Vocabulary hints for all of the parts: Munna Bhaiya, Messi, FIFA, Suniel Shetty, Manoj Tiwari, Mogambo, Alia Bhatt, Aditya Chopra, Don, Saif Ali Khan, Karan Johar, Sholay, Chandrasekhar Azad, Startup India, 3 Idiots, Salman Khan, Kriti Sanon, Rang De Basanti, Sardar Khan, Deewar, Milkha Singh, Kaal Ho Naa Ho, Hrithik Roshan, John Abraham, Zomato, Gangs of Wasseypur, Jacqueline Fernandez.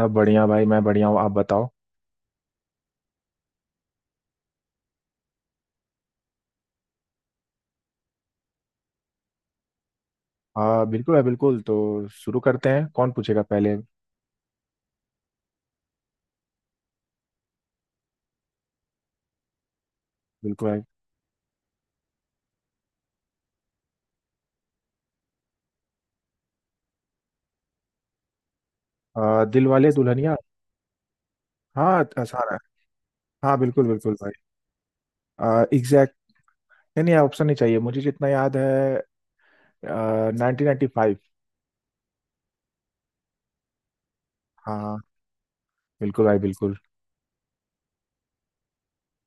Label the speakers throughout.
Speaker 1: सब बढ़िया भाई। मैं बढ़िया हूँ। आप बताओ। हाँ बिल्कुल है। बिल्कुल तो शुरू करते हैं। कौन पूछेगा पहले। बिल्कुल है। दिल वाले दुल्हनिया। हाँ आसान है। हाँ बिल्कुल बिल्कुल भाई। एग्जैक्ट। नहीं नहीं ऑप्शन नहीं चाहिए, मुझे जितना याद है। Nineteen ninety five. हाँ बिल्कुल भाई बिल्कुल।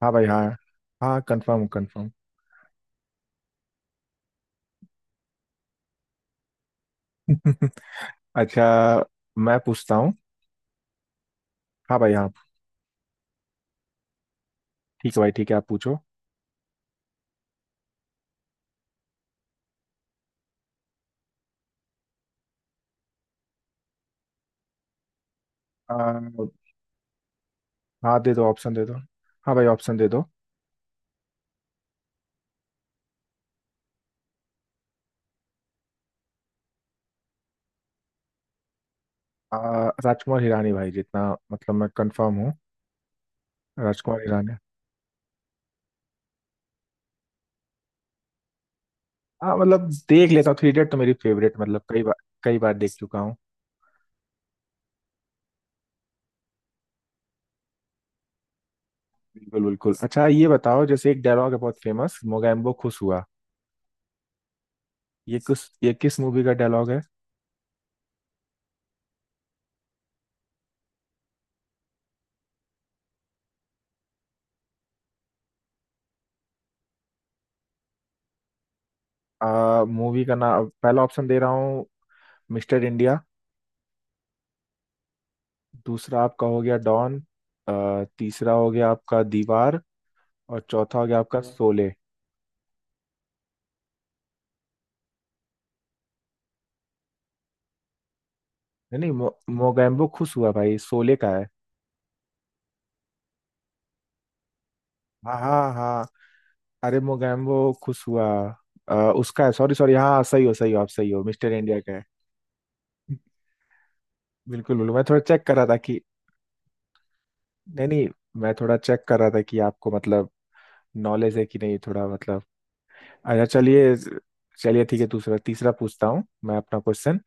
Speaker 1: हाँ भाई हाँ। हाँ कंफर्म कंफर्म। अच्छा। मैं पूछता हूँ। हाँ भाई हाँ। ठीक है भाई ठीक है, आप पूछो। आ, हाँ दे दो ऑप्शन दे दो। हाँ भाई ऑप्शन दे दो। आ, राजकुमार हिरानी भाई, जितना मतलब मैं कंफर्म हूँ। राजकुमार ईरानी। हाँ मतलब देख लेता हूँ, थ्री इडियट तो मेरी फेवरेट, मतलब कई बार देख चुका हूँ। बिल्कुल बिल्कुल। अच्छा ये बताओ, जैसे एक डायलॉग है बहुत फेमस, मोगैम्बो खुश हुआ। ये किस मूवी का डायलॉग है। आ मूवी का नाम पहला ऑप्शन दे रहा हूँ, मिस्टर इंडिया। दूसरा आपका हो गया डॉन। तीसरा हो गया आपका दीवार। और चौथा हो गया आपका शोले। नहीं नहीं मोगैम्बो खुश हुआ भाई, शोले का है। हाँ हाँ हाँ। अरे मोगैम्बो खुश हुआ। उसका है। Sorry sorry. हाँ सही हो आप, सही हो। मिस्टर इंडिया का है। बिल्कुल बिल्कुल। मैं थोड़ा चेक कर रहा था कि नहीं नहीं, मैं थोड़ा चेक कर रहा था कि आपको मतलब नॉलेज है कि नहीं थोड़ा मतलब। अच्छा चलिए। चलिए ठीक है। दूसरा तीसरा पूछता हूँ मैं अपना क्वेश्चन।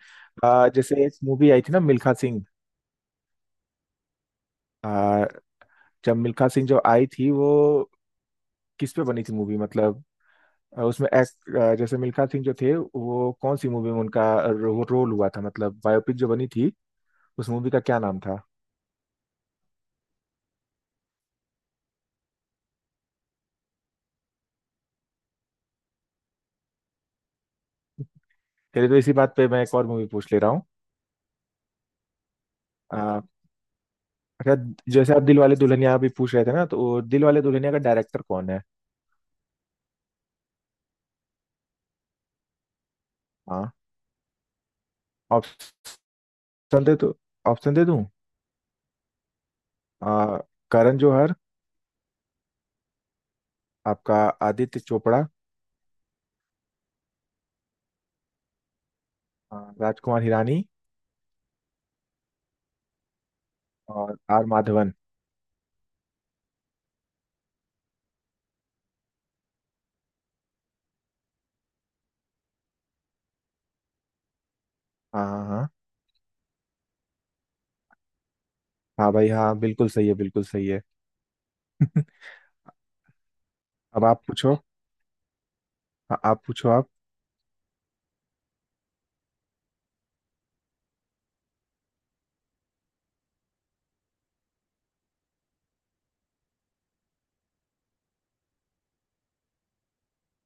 Speaker 1: जैसे एक मूवी आई थी ना, मिल्खा सिंह। अ, जब मिल्खा सिंह जो आई थी वो किस पे बनी थी मूवी, मतलब उसमें एक्ट, जैसे मिल्खा सिंह जो थे वो कौन सी मूवी में उनका रोल हुआ था, मतलब बायोपिक जो बनी थी, उस मूवी का क्या नाम था। चलिए तो इसी बात पे मैं एक और मूवी पूछ ले रहा हूँ। आ, अच्छा। जैसे आप दिल वाले दुल्हनिया अभी पूछ रहे थे ना, तो दिल वाले दुल्हनिया का डायरेक्टर कौन है। हाँ ऑप्शन दे तो। ऑप्शन दे दूँ। आ, करण जौहर। आपका आदित्य चोपड़ा। राजकुमार हिरानी। और आर माधवन। हाँ हाँ हाँ। हाँ भाई हाँ, बिल्कुल सही है बिल्कुल सही है। अब आप पूछो। हाँ, आप पूछो आप।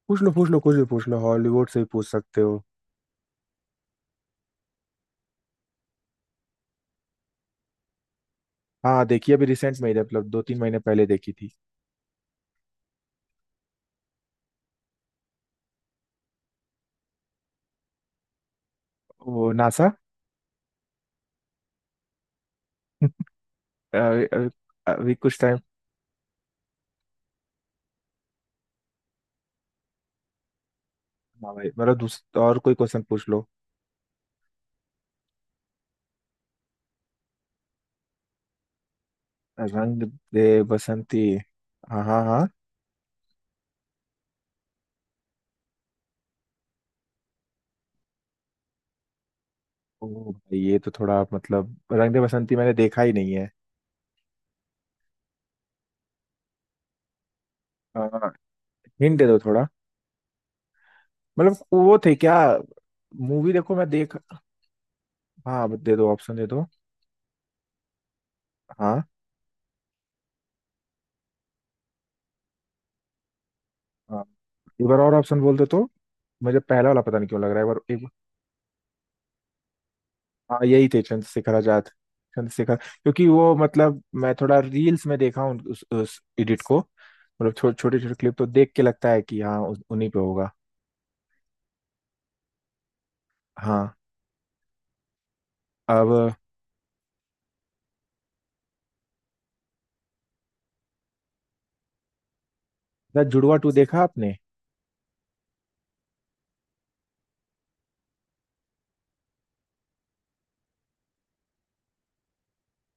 Speaker 1: पूछ लो पूछ लो, कुछ भी पूछ लो, हॉलीवुड से भी पूछ सकते हो। हाँ देखिए, अभी रिसेंट में ही, मतलब दो तीन महीने पहले देखी थी। वो नासा। अभी अभी। अभी कुछ टाइम। हाँ भाई, मेरा दूसरा और कोई क्वेश्चन पूछ लो। रंग दे बसंती। हाँ हाँ हाँ। ओ भाई, ये तो थोड़ा आप, मतलब रंग दे बसंती मैंने देखा ही नहीं है। हिंट दे दो थोड़ा, मतलब वो थे क्या। मूवी देखो मैं देख। हाँ दे दो ऑप्शन दे दो। हाँ हाँ। एक बार और ऑप्शन बोल दो तो। मुझे पहला वाला पता नहीं क्यों लग रहा है एक बार। हाँ यही थे चंद्रशेखर आजाद। चंद्रशेखर, क्योंकि वो मतलब मैं थोड़ा रील्स में देखा हूँ उस एडिट को, मतलब छोटे छोटे क्लिप तो देख के लगता है कि हाँ उन्हीं पे होगा। हाँ। अब द जुड़वा टू देखा आपने।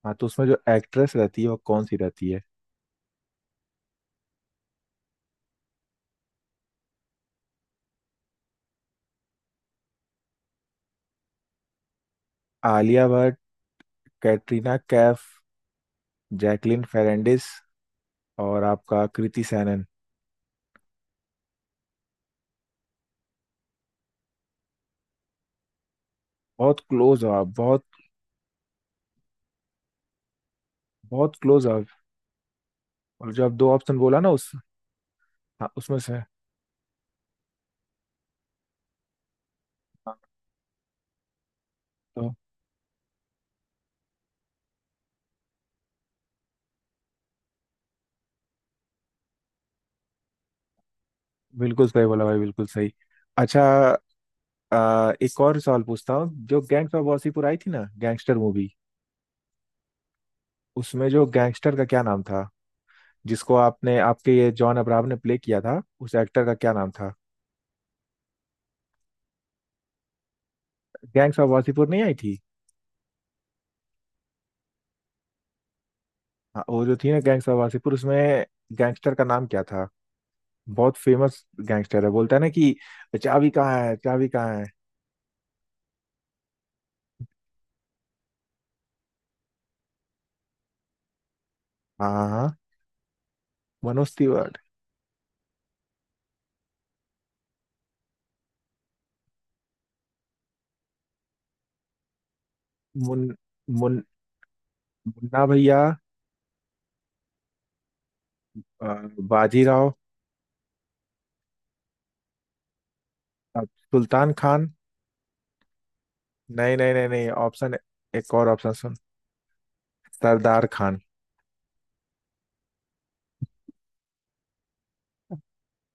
Speaker 1: हाँ तो उसमें जो एक्ट्रेस रहती है वो कौन सी रहती है। आलिया भट्ट। कैटरीना कैफ। जैकलिन फेरेंडिस। और आपका कृति सैनन। बहुत क्लोज हो आप बहुत। बहुत क्लोज हो आप। और जो आप दो ऑप्शन बोला ना, उस। हाँ उसमें से। हाँ तो बिल्कुल सही बोला भाई बिल्कुल सही। अच्छा एक और सवाल पूछता हूँ। जो गैंग्स ऑफ वासीपुर आई थी ना, गैंगस्टर मूवी, उसमें जो गैंगस्टर का क्या नाम था, जिसको आपने आपके ये जॉन अब्राहम ने प्ले किया था, उस एक्टर का क्या नाम था। गैंग्स ऑफ वासीपुर नहीं आई थी। हाँ वो जो थी ना गैंग्स ऑफ वासीपुर, उसमें गैंगस्टर का नाम क्या था। बहुत फेमस गैंगस्टर है, बोलता है ना कि चाबी कहाँ है चाबी कहाँ है। हाँ हाँ हाँ, मनोज तिवारी। मुन मुन मुन्ना भैया। अ, बाजीराव। सुल्तान खान। नहीं नहीं नहीं नहीं ऑप्शन। एक और ऑप्शन सुन। सरदार खान।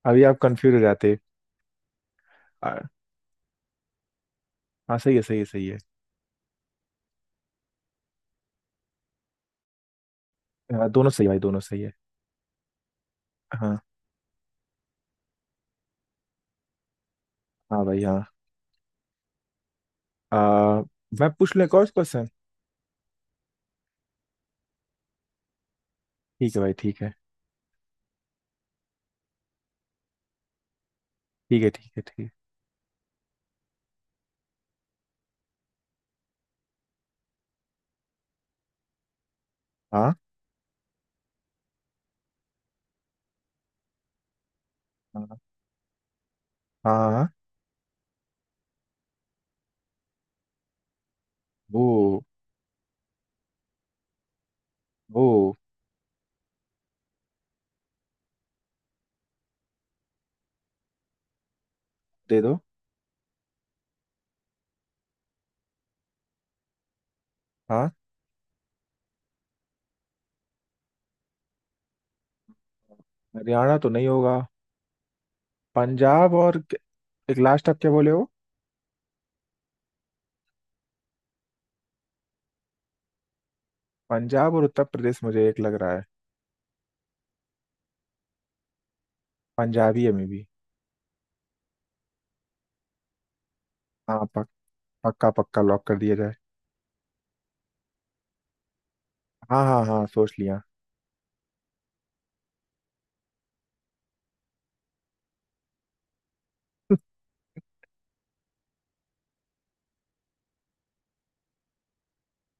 Speaker 1: अभी आप कंफ्यूज हो जाते। आ, हाँ सही है सही है सही है। हाँ, दोनों सही है भाई दोनों सही है। हाँ। हाँ भाई हाँ। आ, मैं पूछ लूँ एक और क्वेश्चन। ठीक है भाई ठीक है। ठीक है ठीक है ठीक है। हाँ हाँ हाँ हाँ, वो वो दे दो। हाँ हरियाणा तो नहीं होगा। पंजाब और एक लास्ट आप क्या बोले हो। पंजाब और उत्तर प्रदेश मुझे एक लग रहा है। पंजाबी है मे भी। हाँ पक्का पक्का लॉक कर दिया जाए। हाँ हाँ हाँ सोच लिया।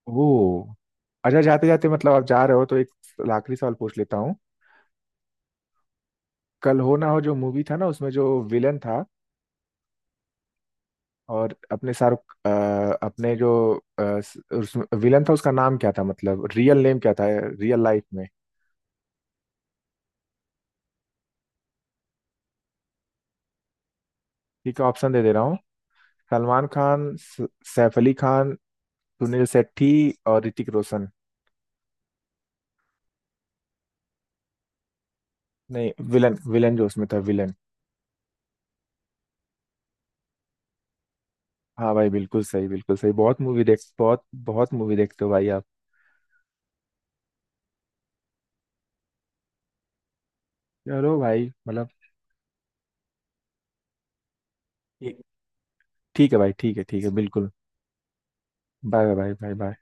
Speaker 1: ओ अच्छा, जाते जाते मतलब आप जा रहे हो तो एक आखिरी सवाल पूछ लेता हूँ। कल हो ना हो जो मूवी था ना, उसमें जो विलन था, और अपने शाहरुख अपने जो उस विलन था उसका नाम क्या था, मतलब रियल नेम क्या था रियल लाइफ में। ठीक है ऑप्शन दे दे रहा हूँ। सलमान खान सैफ अली खान। सुनील शेट्टी। और ऋतिक रोशन। नहीं विलन विलन जो उसमें था, विलन। हाँ भाई बिल्कुल सही बिल्कुल सही, बहुत बहुत मूवी देखते हो भाई आप। चलो भाई मतलब। ठीक। ठीक है भाई ठीक है बिल्कुल। Bye bye bye bye.